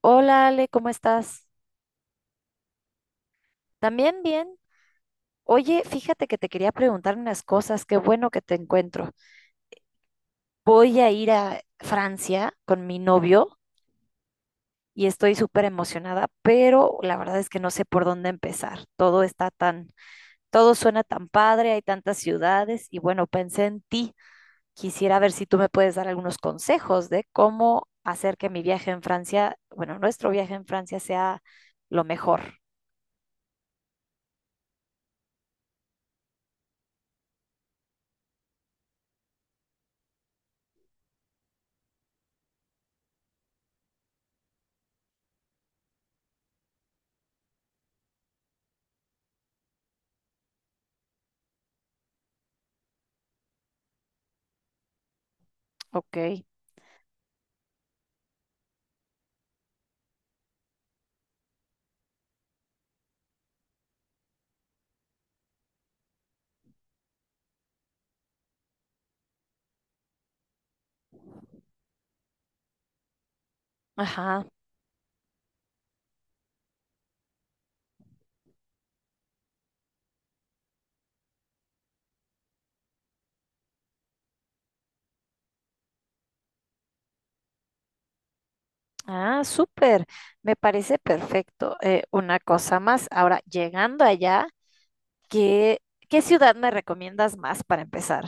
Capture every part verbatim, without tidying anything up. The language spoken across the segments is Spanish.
Hola Ale, ¿cómo estás? ¿También bien? Oye, fíjate que te quería preguntar unas cosas, qué bueno que te encuentro. Voy a ir a Francia con mi novio y estoy súper emocionada, pero la verdad es que no sé por dónde empezar. Todo está tan, todo suena tan padre, hay tantas ciudades y bueno, pensé en ti. Quisiera ver si tú me puedes dar algunos consejos de cómo hacer que mi viaje en Francia, bueno, nuestro viaje en Francia sea lo mejor. Ok. Ajá. Ah, súper. Me parece perfecto. Eh, una cosa más. Ahora, llegando allá, ¿qué, ¿qué ciudad me recomiendas más para empezar?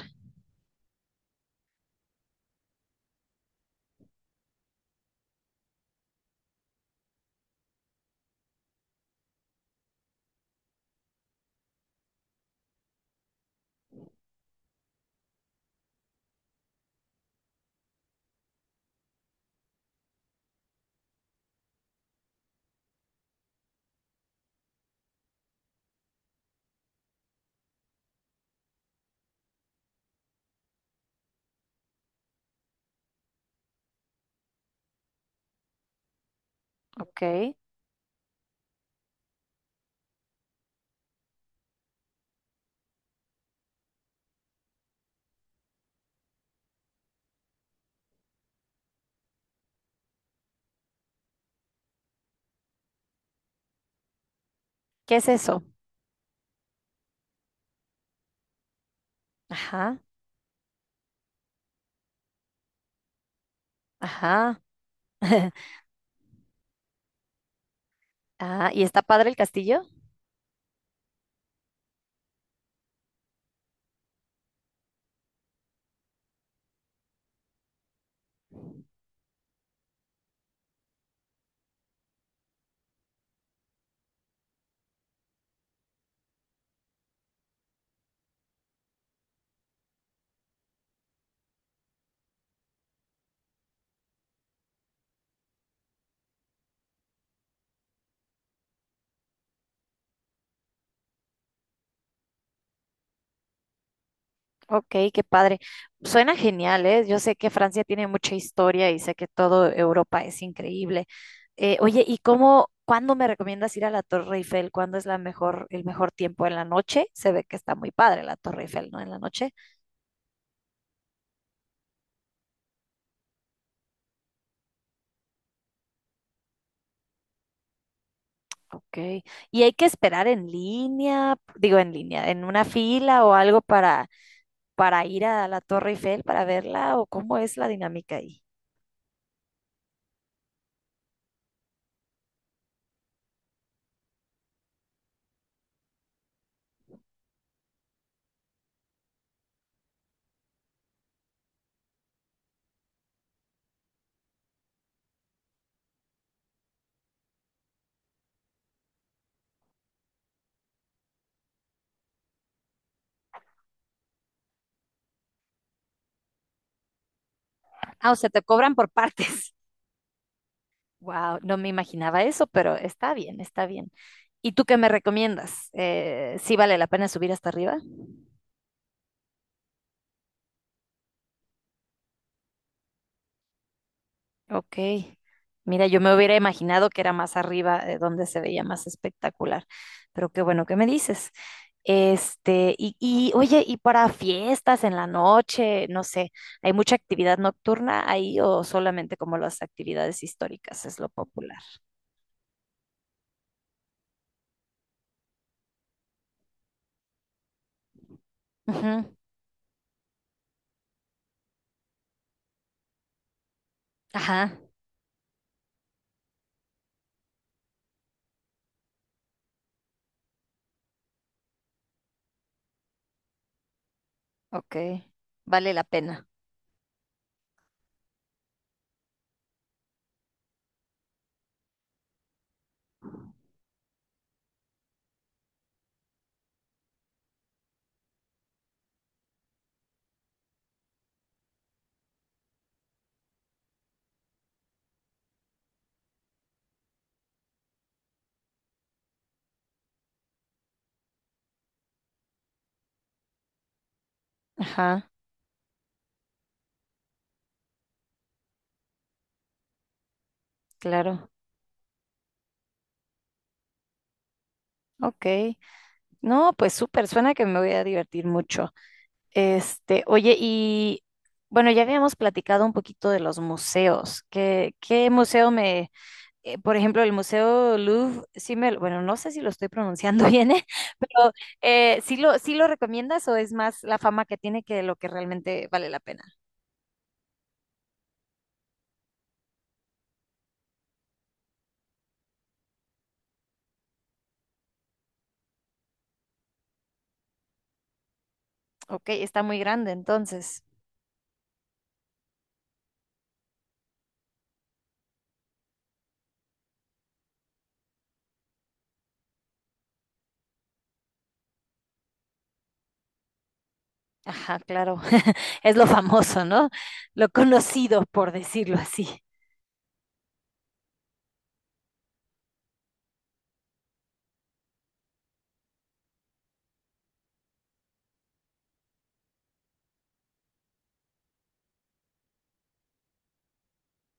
Ok. ¿Qué es eso? Ajá, ajá. Ah, ¿y está padre el castillo? Ok, qué padre. Suena genial, ¿eh? Yo sé que Francia tiene mucha historia y sé que todo Europa es increíble. Eh, oye, ¿y cómo, cuándo me recomiendas ir a la Torre Eiffel? ¿Cuándo es la mejor, el mejor tiempo en la noche? Se ve que está muy padre la Torre Eiffel, ¿no? En la noche. Ok. ¿Y hay que esperar en línea, digo en línea, en una fila o algo para, para ir a la Torre Eiffel, para verla? ¿O cómo es la dinámica ahí? Ah, o sea, te cobran por partes. Wow, no me imaginaba eso, pero está bien, está bien. ¿Y tú qué me recomiendas? Eh, ¿sí vale la pena subir hasta arriba? Ok. Mira, yo me hubiera imaginado que era más arriba, eh, donde se veía más espectacular, pero qué bueno que me dices. Este, y, y oye, ¿y para fiestas en la noche? No sé, ¿hay mucha actividad nocturna ahí o solamente como las actividades históricas es lo popular? Ujú. Ajá. Ok, vale la pena. Ajá, claro. Ok, no, pues súper, suena que me voy a divertir mucho. Este, oye, y bueno, ya habíamos platicado un poquito de los museos. ¿Qué, qué museo me, eh, Por ejemplo, el Museo Louvre, sí me, lo- bueno, no sé si lo estoy pronunciando bien, ¿eh? Pero eh, ¿sí lo, sí lo recomiendas o es más la fama que tiene que lo que realmente vale la pena? Ok, está muy grande entonces. Ajá, claro, es lo famoso, ¿no? Lo conocido, por decirlo así.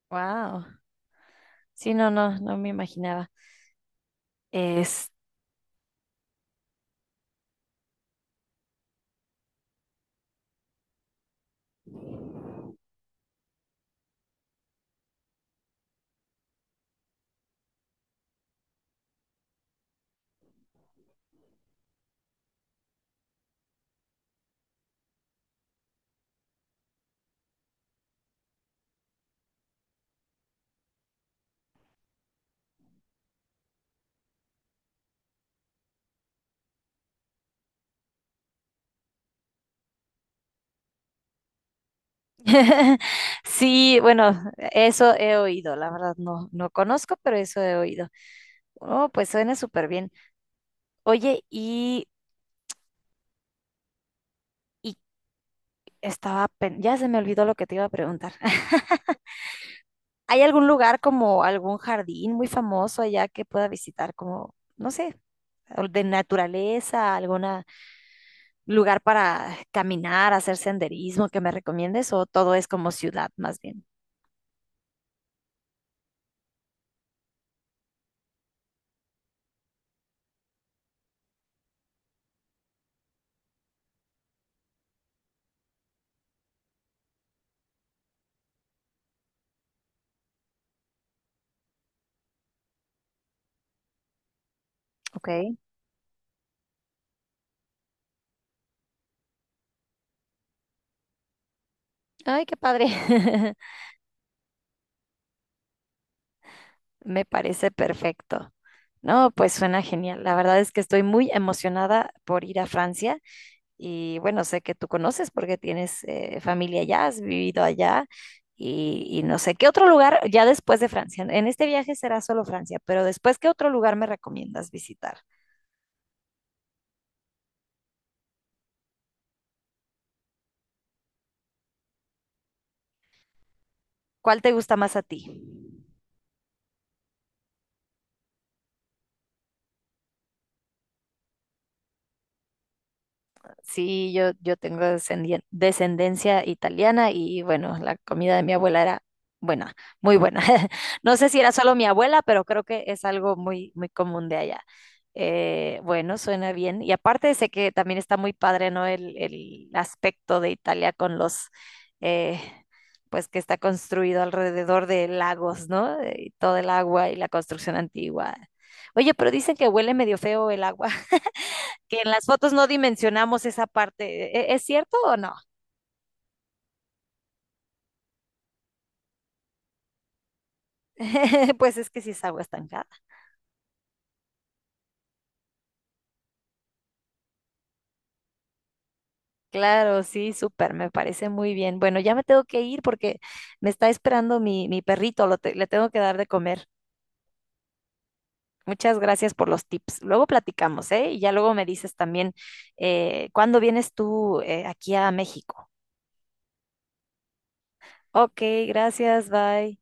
Wow. Sí, no, no, no me imaginaba. Es... Sí, bueno, eso he oído, la verdad no, no conozco, pero eso he oído. Oh, pues suena súper bien. Oye, y, y estaba, pen- Ya se me olvidó lo que te iba a preguntar. ¿Hay algún lugar como algún jardín muy famoso allá que pueda visitar como, no sé, o de naturaleza, algún lugar para caminar, hacer senderismo que me recomiendes o todo es como ciudad más bien? Ok. Ay, qué padre. Me parece perfecto. No, pues suena genial. La verdad es que estoy muy emocionada por ir a Francia y bueno, sé que tú conoces porque tienes eh, familia allá, has vivido allá y, y no sé, ¿qué otro lugar ya después de Francia? En este viaje será solo Francia, pero después, ¿qué otro lugar me recomiendas visitar? ¿Cuál te gusta más a ti? Sí, yo, yo tengo descendien- descendencia italiana y bueno, la comida de mi abuela era buena, muy buena. No sé si era solo mi abuela, pero creo que es algo muy, muy común de allá. Eh, bueno, suena bien. Y aparte sé que también está muy padre, ¿no? El, el aspecto de Italia con los, eh, pues que está construido alrededor de lagos, ¿no? Eh, Y todo el agua y la construcción antigua. Oye, pero dicen que huele medio feo el agua que en las fotos no dimensionamos esa parte. ¿E- ¿Es cierto o no? Pues es que sí es agua estancada. Claro, sí, súper, me parece muy bien. Bueno, ya me tengo que ir porque me está esperando mi, mi perrito, lo te- le tengo que dar de comer. Muchas gracias por los tips. Luego platicamos, ¿eh? Y ya luego me dices también eh, cuándo vienes tú eh, aquí a México. Ok, gracias, bye.